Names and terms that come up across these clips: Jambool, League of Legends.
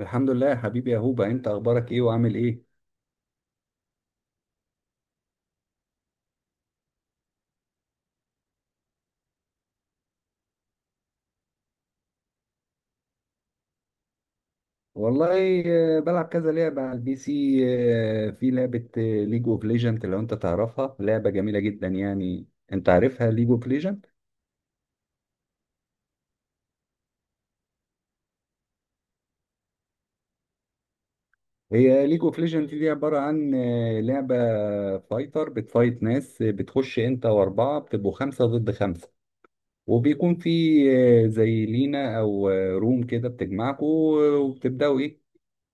الحمد لله يا حبيبي يا هوبا، انت اخبارك ايه وعامل ايه؟ والله، بلعب كذا لعبة على البي سي. في لعبة ليج اوف ليجند، لو انت تعرفها لعبة جميلة جدا يعني. انت عارفها ليج اوف ليجند؟ هي ليج اوف ليجند دي عبارة عن لعبة فايتر بتفايت ناس، بتخش انت واربعة بتبقوا خمسة ضد خمسة. وبيكون في زي لينا او روم كده بتجمعكوا، وبتبدأوا ايه،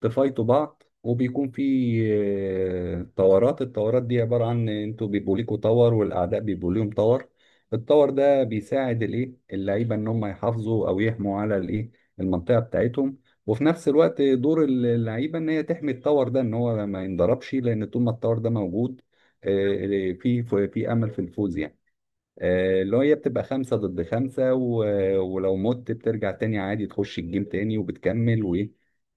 بفايتوا بعض. وبيكون في طورات. الطورات دي عبارة عن انتوا بيبقوا ليكوا طور والأعداء بيبقوا ليهم طور. الطور ده بيساعد الايه اللعيبة ان هم يحافظوا او يحموا على الايه المنطقة بتاعتهم. وفي نفس الوقت دور اللعيبة ان هي تحمي الطور ده ان هو ما ينضربش، لان طول ما الطور ده موجود آه، في في امل في الفوز يعني. اللي هي بتبقى خمسة ضد خمسة، ولو مت بترجع تاني عادي، تخش الجيم تاني وبتكمل وإيه،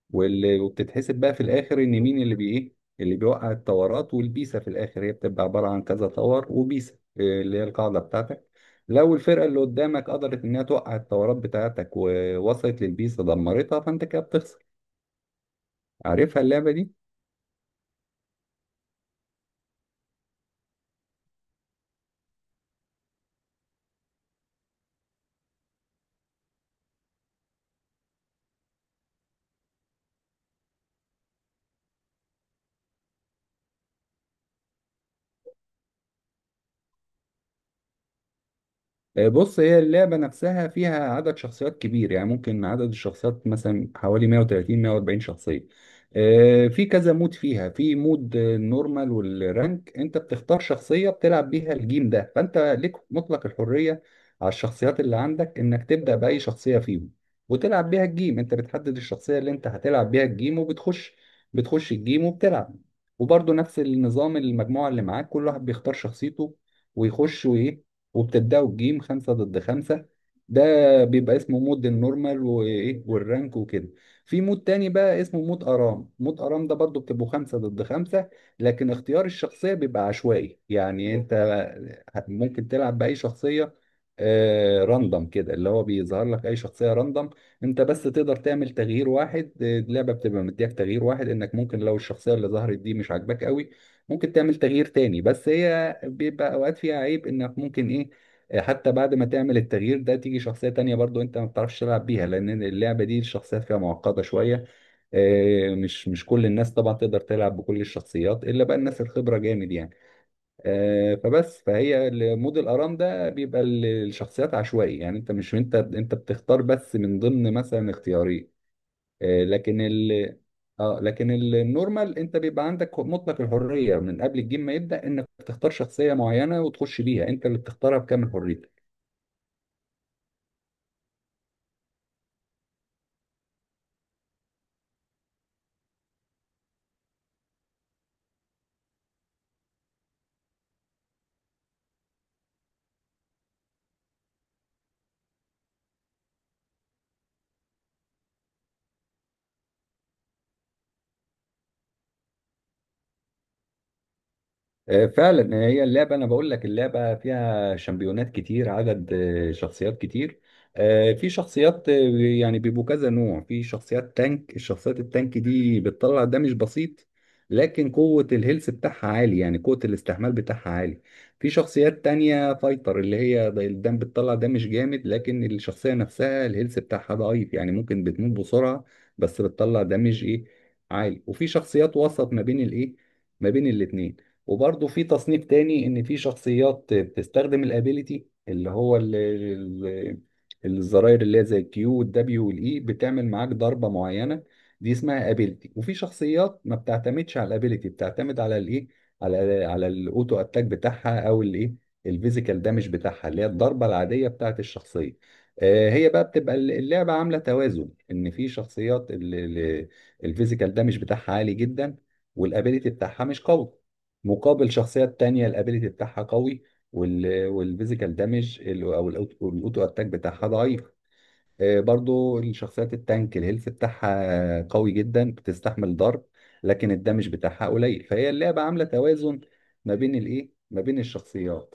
وبتتحسب بقى في الآخر إن مين اللي بي إيه اللي بيوقع التورات والبيسة. في الآخر هي بتبقى عبارة عن كذا تور وبيسة، اللي هي القاعدة بتاعتك. لو الفرقة اللي قدامك قدرت إنها توقع التورات بتاعتك ووصلت للبيسة دمرتها، فأنت كده بتخسر. عارفها اللعبة دي؟ بص، هي اللعبة نفسها فيها عدد شخصيات كبير، يعني ممكن عدد الشخصيات مثلا حوالي 130 140 شخصية. في كذا مود فيها، في مود النورمال والرانك. انت بتختار شخصية بتلعب بيها الجيم ده، فانت ليك مطلق الحرية على الشخصيات اللي عندك انك تبدأ بأي شخصية فيهم وتلعب بيها الجيم. انت بتحدد الشخصية اللي انت هتلعب بيها الجيم وبتخش. بتخش الجيم وبتلعب. وبرضه نفس النظام، المجموعة اللي معاك كل واحد بيختار شخصيته ويخش وايه، وبتبداوا بجيم خمسة ضد خمسة. ده بيبقى اسمه مود النورمال وايه والرانك وكده. في مود تاني بقى اسمه مود ارام. مود ارام ده برضو بتبقوا خمسة ضد خمسة، لكن اختيار الشخصية بيبقى عشوائي، يعني انت ممكن تلعب بأي شخصية. آه، راندم كده، اللي هو بيظهر لك اي شخصية راندم. انت بس تقدر تعمل تغيير واحد، اللعبة بتبقى مديك تغيير واحد، انك ممكن لو الشخصية اللي ظهرت دي مش عاجباك قوي ممكن تعمل تغيير تاني. بس هي بيبقى اوقات فيها عيب، انك ممكن ايه، حتى بعد ما تعمل التغيير ده تيجي شخصية تانية برضو انت ما بتعرفش تلعب بيها، لان اللعبة دي الشخصيات فيها معقدة شوية. مش كل الناس طبعا تقدر تلعب بكل الشخصيات، الا بقى الناس الخبرة جامد يعني. آه، فبس فهي مود الارام ده بيبقى الشخصيات عشوائي، يعني انت مش انت انت بتختار بس من ضمن مثلا اختيارين. آه، لكن ال اه لكن ال- النورمال انت بيبقى عندك مطلق الحريه من قبل الجيم ما يبدا، انك تختار شخصيه معينه وتخش بيها، انت اللي بتختارها بكامل حريتك. فعلا هي اللعبة، أنا بقول لك اللعبة فيها شامبيونات كتير، عدد شخصيات كتير. آه، في شخصيات آه، يعني بيبقوا كذا نوع. في شخصيات تانك، الشخصيات التانك دي بتطلع دمج بسيط لكن قوة الهيلث بتاعها عالي، يعني قوة الاستحمال بتاعها عالي. في شخصيات تانية فايتر، اللي هي الدم بتطلع دمج جامد، لكن الشخصية نفسها الهيلث بتاعها ضعيف، يعني ممكن بتموت بسرعة. بس بتطلع دمج ايه عالي. وفي شخصيات وسط ما بين الايه، ما بين الاتنين. وبرضه في تصنيف تاني، ان في شخصيات بتستخدم الابيليتي، اللي هو الزراير، اللي هي زي الكيو والدبليو والاي بتعمل معاك ضربه معينه، دي اسمها ابيليتي. وفي شخصيات ما بتعتمدش على الابيليتي، بتعتمد على الايه، على الاوتو اتاك بتاعها او الايه الفيزيكال دامج بتاعها، اللي هي الضربه العاديه بتاعت الشخصيه. هي بقى بتبقى اللعبه عامله توازن، ان في شخصيات الفيزيكال دامج بتاعها عالي جدا والابيليتي بتاعها مش قوي، مقابل شخصيات تانية الابيليتي بتاعها قوي والفيزيكال دامج او الاوتو اتاك بتاعها ضعيف. برضو الشخصيات التانك الهيلث بتاعها قوي جدا، بتستحمل ضرب لكن الدامج بتاعها قليل، فهي اللعبة عاملة توازن ما بين الايه ما بين الشخصيات.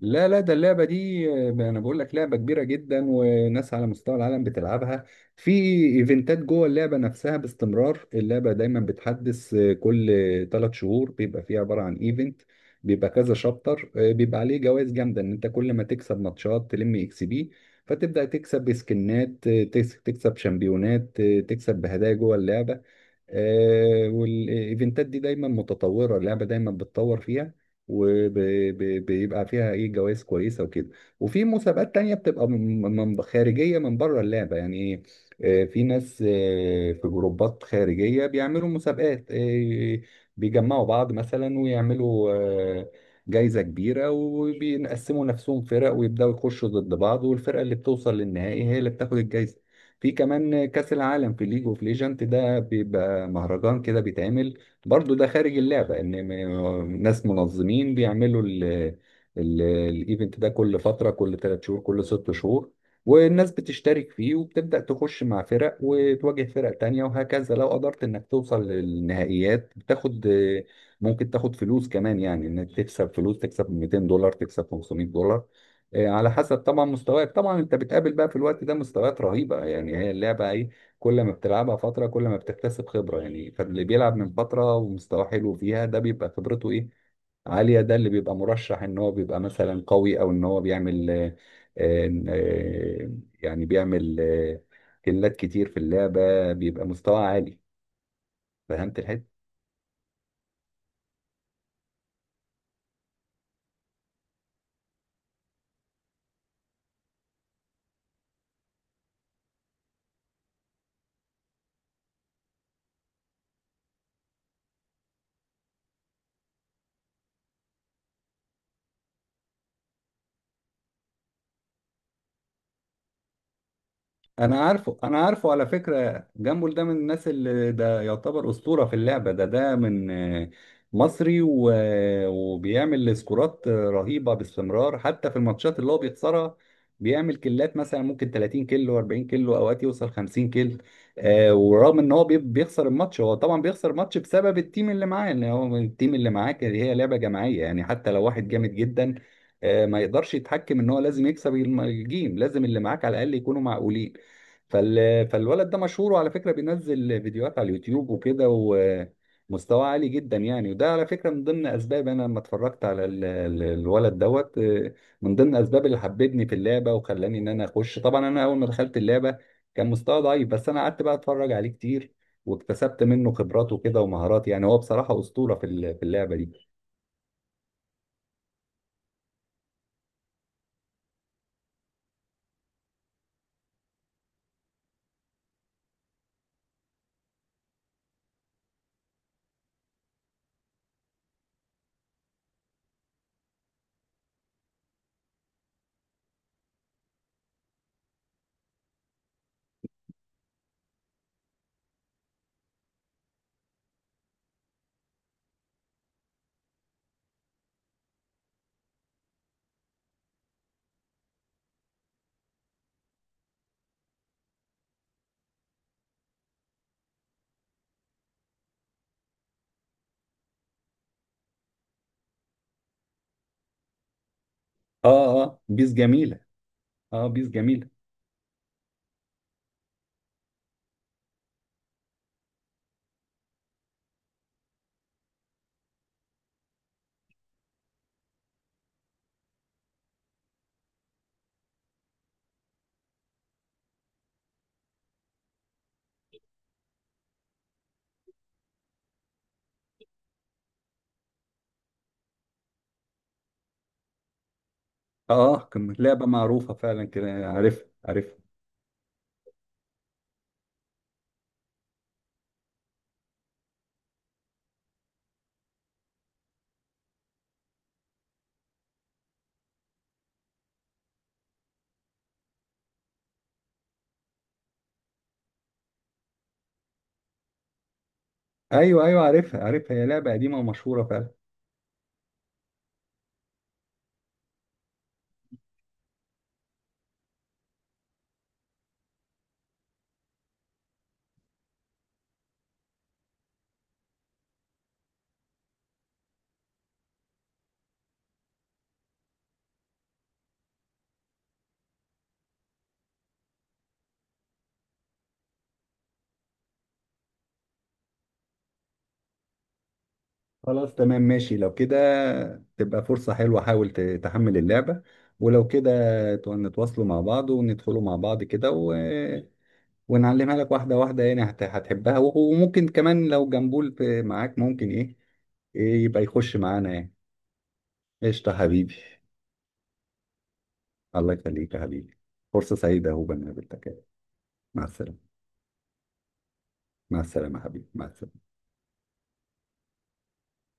لا لا، ده اللعبة دي أنا بقول لك لعبة كبيرة جدا، وناس على مستوى العالم بتلعبها. في إيفنتات جوه اللعبة نفسها باستمرار، اللعبة دايما بتحدث. كل ثلاث شهور بيبقى فيه عبارة عن إيفنت، بيبقى كذا شابتر، بيبقى عليه جوائز جامدة، إن أنت كل ما تكسب ماتشات تلم إكس بي، فتبدأ تكسب بسكنات، تكسب شامبيونات، تكسب بهدايا جوه اللعبة. والايفنتات دي دايما متطوره، اللعبه دايما بتطور فيها، وبيبقى فيها ايه جوائز كويسه وكده. وفي مسابقات تانية بتبقى خارجيه، من بره اللعبه، يعني ايه، في ناس، في جروبات خارجيه بيعملوا مسابقات، بيجمعوا بعض مثلا ويعملوا جايزه كبيره، وبينقسموا نفسهم فرق ويبداوا يخشوا ضد بعض، والفرقه اللي بتوصل للنهائي هي اللي بتاخد الجايزه. في كمان كأس العالم في ليج اوف ليجنت، ده بيبقى مهرجان كده بيتعمل برضو، ده خارج اللعبة، ان ناس منظمين بيعملوا الايفنت ده كل فترة، كل ثلاث شهور، كل ست شهور. والناس بتشترك فيه، وبتبدأ تخش مع فرق وتواجه فرق تانية وهكذا. لو قدرت انك توصل للنهائيات بتاخد، ممكن تاخد فلوس كمان، يعني انك تكسب فلوس، تكسب $200، تكسب $500، إيه، على حسب طبعا مستواك. طبعا انت بتقابل بقى في الوقت ده مستويات رهيبة، يعني هي اللعبة ايه، كل ما بتلعبها فترة كل ما بتكتسب خبرة. يعني فاللي بيلعب من فترة ومستواه حلو فيها ده بيبقى خبرته ايه عالية، ده اللي بيبقى مرشح ان هو بيبقى مثلا قوي، او ان هو بيعمل آه، آه، يعني بيعمل كيلات كتير في اللعبة، بيبقى مستوى عالي. فهمت. انا عارفه، انا عارفه، على فكره جامبول ده من الناس اللي ده يعتبر اسطوره في اللعبه. ده من مصري و... وبيعمل سكورات رهيبه باستمرار حتى في الماتشات اللي هو بيخسرها. بيعمل كيلات، مثلا ممكن 30 كيلو 40 كيلو، اوقات يوصل 50 كيلو. آه، ورغم ان هو بيخسر الماتش، هو طبعا بيخسر الماتش بسبب التيم اللي معاه، ان هو التيم اللي معاه هي لعبه جماعيه يعني، حتى لو واحد جامد جدا ما يقدرش يتحكم ان هو لازم يكسب الجيم، لازم اللي معاك على الاقل يكونوا معقولين. فال... فالولد ده مشهور، وعلى فكرة بينزل فيديوهات على اليوتيوب وكده، ومستواه عالي جدا يعني. وده على فكرة من ضمن أسباب، أنا لما اتفرجت على الولد دوت، من ضمن أسباب اللي حببني في اللعبة وخلاني إن أنا أخش. طبعا أنا أول ما دخلت اللعبة كان مستوى ضعيف، بس أنا قعدت بقى أتفرج عليه كتير، واكتسبت منه خبرات وكده ومهارات. يعني هو بصراحة أسطورة في في اللعبة دي. اه اه، بيس جميلة. اه بيس جميلة. اه، لعبة معروفة فعلا كده، عارف عارف. ايوه ايوه، عارفها عارفها، هي لعبه قديمه ومشهوره فعلا. خلاص تمام، ماشي لو كده تبقى فرصه حلوه. حاول تحمل اللعبه، ولو كده نتواصلوا مع بعض وندخلوا مع بعض كده، ونعلمها لك واحده واحده، يعني هتحبها، وممكن كمان لو جنبول معاك، ممكن ايه إيه، يبقى يخش معانا يعني. قشطه حبيبي. الله يخليك يا حبيبي، فرصه سعيده هو بنقابلك. مع السلامه. مع السلامه يا حبيبي، مع السلامه.